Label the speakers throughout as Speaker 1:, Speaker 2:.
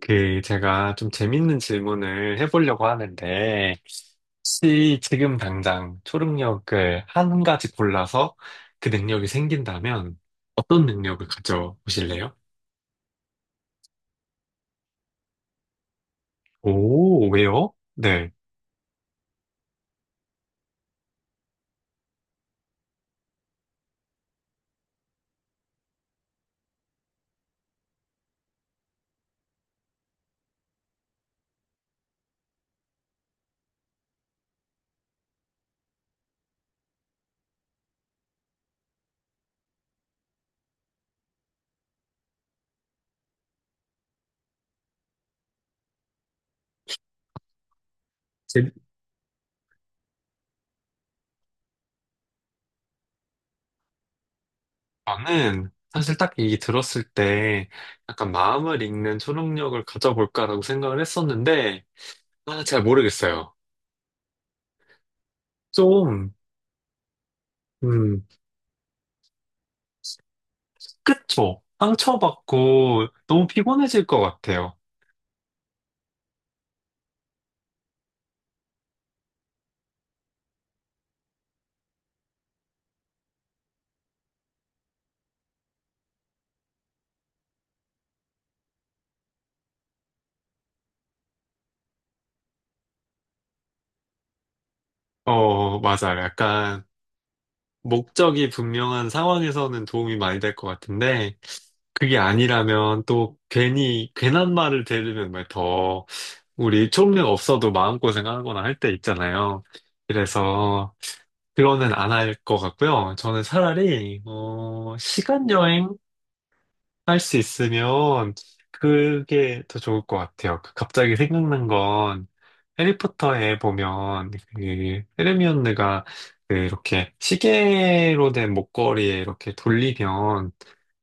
Speaker 1: 제가 좀 재밌는 질문을 해보려고 하는데, 혹시 지금 당장 초능력을 한 가지 골라서 그 능력이 생긴다면 어떤 능력을 가져보실래요? 오, 왜요? 네. 제- 저는 사실 딱 이 들었을 때 약간 마음을 읽는 초능력을 가져볼까라고 생각을 했었는데, 아, 잘 모르겠어요. 좀, 음, 그쵸. 상처받고 너무 피곤해질 것 같아요. 어, 맞아. 약간 목적이 분명한 상황에서는 도움이 많이 될 것 같은데 그게 아니라면 또 괜히 괜한 말을 들으면 막더 우리 초능력 없어도 마음고생하거나 할 때 있잖아요. 그래서 그거는 안 할 것 같고요. 저는 차라리 시간 여행 할 수 있으면 그게 더 좋을 것 같아요. 그 갑자기 생각난 건 해리포터에 보면 그 헤르미온느가 그 이렇게 시계로 된 목걸이에 이렇게 돌리면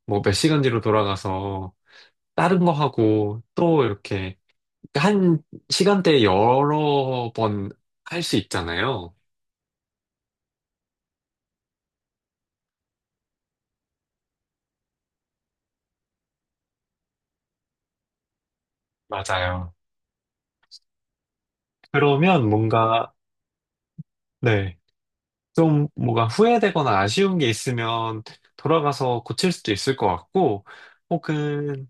Speaker 1: 뭐 몇 시간 뒤로 돌아가서 다른 거 하고 또 이렇게 그러니까 한 시간대에 여러 번 할 수 있잖아요. 맞아요. 그러면 뭔가 네. 좀 뭐가 후회되거나 아쉬운 게 있으면 돌아가서 고칠 수도 있을 것 같고, 혹은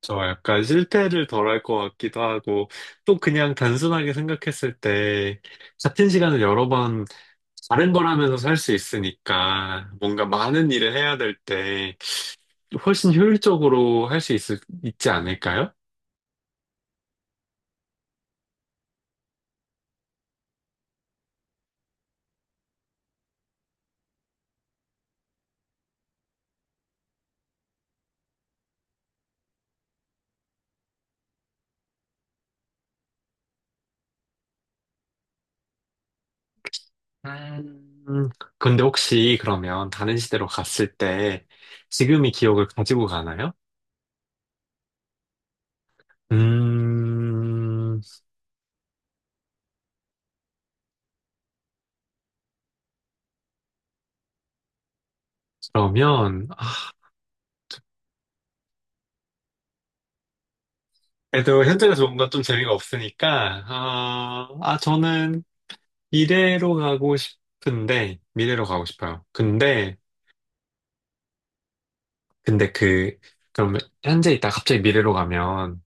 Speaker 1: 저 약간 실패를 덜 할 것 같기도 하고, 또 그냥 단순하게 생각했을 때 같은 시간을 여러 번 다른 걸 하면서 살 수 있으니까 뭔가 많은 일을 해야 될 때 훨씬 효율적으로 할 수 있지 않을까요? 음, 근데 혹시 그러면 다른 시대로 갔을 때 지금의 기억을 가지고 가나요? 음, 그러면, 아, 그래도 현재가좋 뭔가 좀 재미가 없으니까, 저는 미래로 가고 싶어요. 근데 그, 그럼 현재 있다 갑자기 미래로 가면,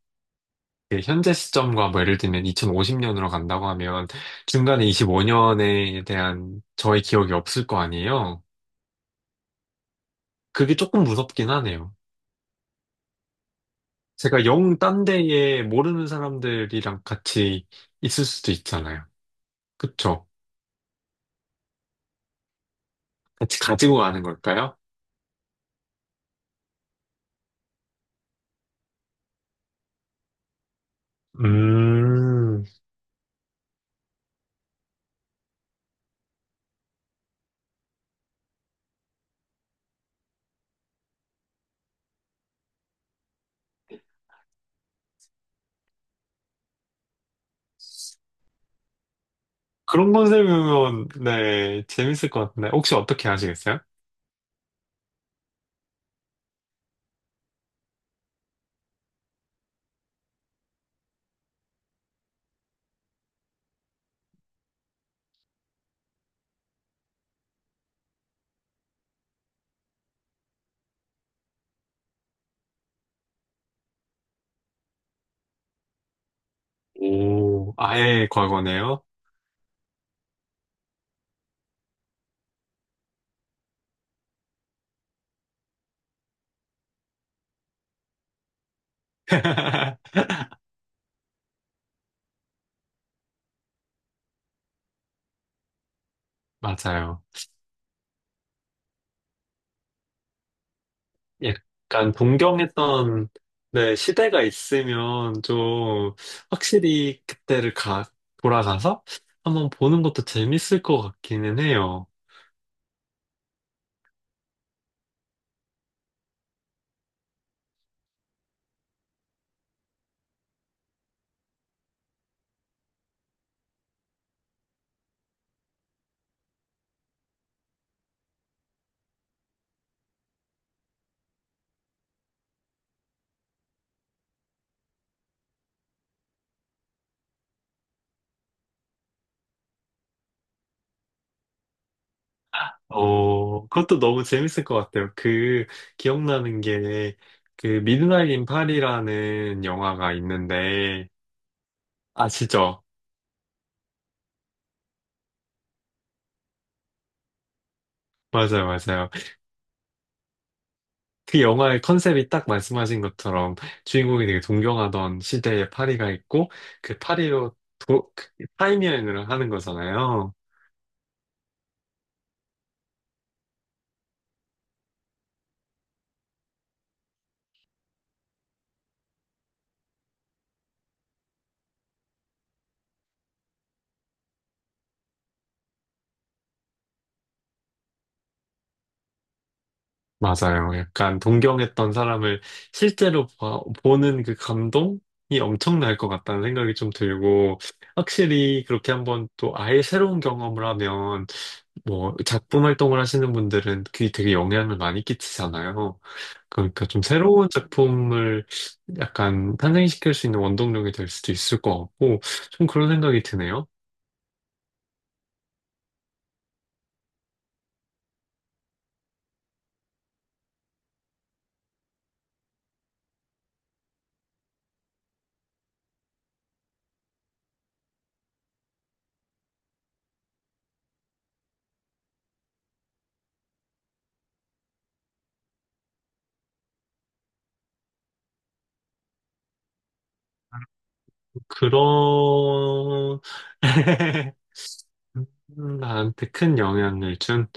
Speaker 1: 그 현재 시점과 뭐 예를 들면 2050년으로 간다고 하면, 중간에 25년에 대한 저의 기억이 없을 거 아니에요? 그게 조금 무섭긴 하네요. 제가 영 딴 데에 모르는 사람들이랑 같이 있을 수도 있잖아요. 그쵸? 같이 가지고 가는 걸까요? 음, 그런 컨셉이면, 네, 재밌을 것 같은데. 혹시 어떻게 하시겠어요? 오, 아예 과거네요. 맞아요. 약간 동경했던, 네, 시대가 있으면 좀 확실히 돌아가서 한번 보는 것도 재밌을 것 같기는 해요. 어, 그것도 너무 재밌을 것 같아요. 기억나는 게, 그, 미드나잇 인 파리라는 영화가 있는데, 아시죠? 맞아요, 맞아요. 그 영화의 컨셉이 딱 말씀하신 것처럼 주인공이 되게 존경하던 시대의 파리가 있고, 그 파리로 도, 타임여행을 하는 거잖아요. 맞아요. 약간 동경했던 사람을 실제로 보는 그 감동이 엄청날 것 같다는 생각이 좀 들고, 확실히 그렇게 한번 또 아예 새로운 경험을 하면, 뭐, 작품 활동을 하시는 분들은 그게 되게 영향을 많이 끼치잖아요. 그러니까 좀 새로운 작품을 약간 탄생시킬 수 있는 원동력이 될 수도 있을 것 같고, 좀 그런 생각이 드네요. 그런, 나한테 큰 영향을 준,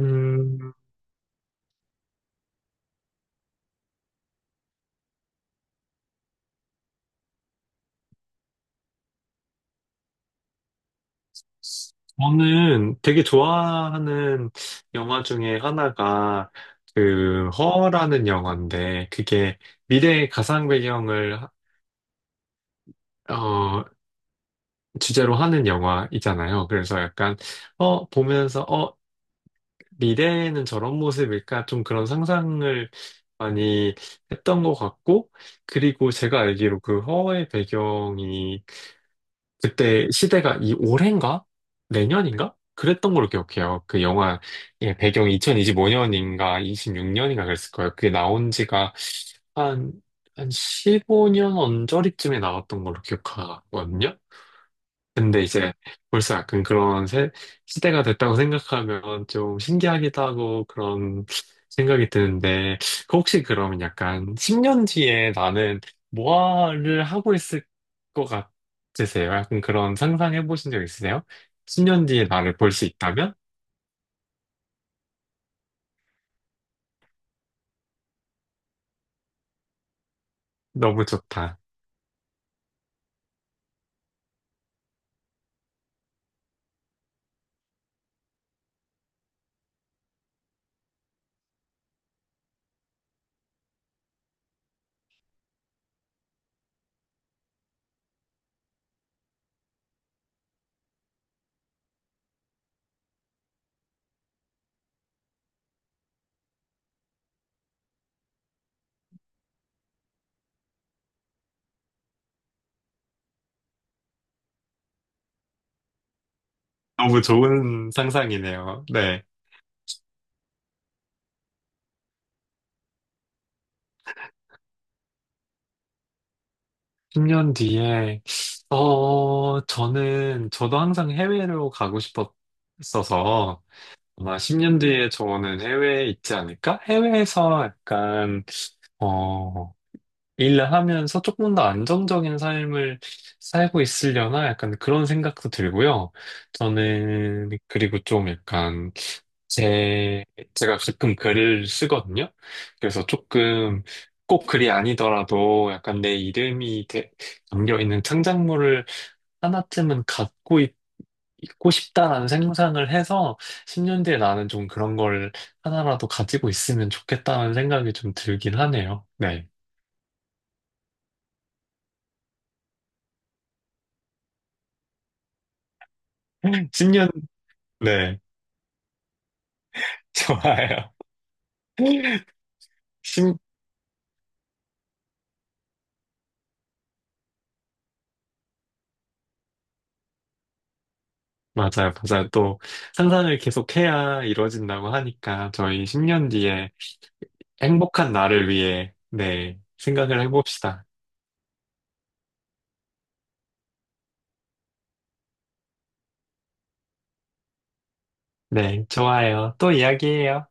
Speaker 1: 음, 저는 되게 좋아하는 영화 중에 하나가 그 허라는 영화인데 그게 미래의 가상 배경을 어 주제로 하는 영화이잖아요. 그래서 약간 보면서 미래에는 저런 모습일까 좀 그런 상상을 많이 했던 것 같고 그리고 제가 알기로 그 허의 배경이 그때 시대가 이 올해인가? 내년인가? 그랬던 걸로 기억해요. 그 영화, 예, 배경이 2025년인가 26년인가 그랬을 거예요. 그게 나온 지가 한, 한 15년 언저리쯤에 나왔던 걸로 기억하거든요. 근데 이제 벌써 약간 그런 시대가 됐다고 생각하면 좀 신기하기도 하고 그런 생각이 드는데 그 혹시 그러면 약간 10년 뒤에 나는 뭐를 하고 있을 것 같으세요? 약간 그런 상상해 보신 적 있으세요? 10년 뒤에 나를 볼 수 있다면? 너무 좋다. 너무 좋은 상상이네요. 네. 10년 뒤에 저는 저도 항상 해외로 가고 싶었어서 아마 10년 뒤에 저는 해외에 있지 않을까? 해외에서 약간, 어, 일을 하면서 조금 더 안정적인 삶을 살고 있으려나? 약간 그런 생각도 들고요. 저는, 그리고 좀 약간, 제, 제가 가끔 글을 쓰거든요. 그래서 조금 꼭 글이 아니더라도 약간 내 이름이 담겨 있는 창작물을 하나쯤은 갖고 있고 싶다라는 생각을 해서 10년 뒤에 나는 좀 그런 걸 하나라도 가지고 있으면 좋겠다는 생각이 좀 들긴 하네요. 네. 10년, 네. 좋아요. 십, 맞아요, 맞아요. 또 상상을 계속해야 이루어진다고 하니까 저희 10년 뒤에 행복한 나를 위해, 네, 생각을 해봅시다. 네, 좋아요. 또 이야기해요.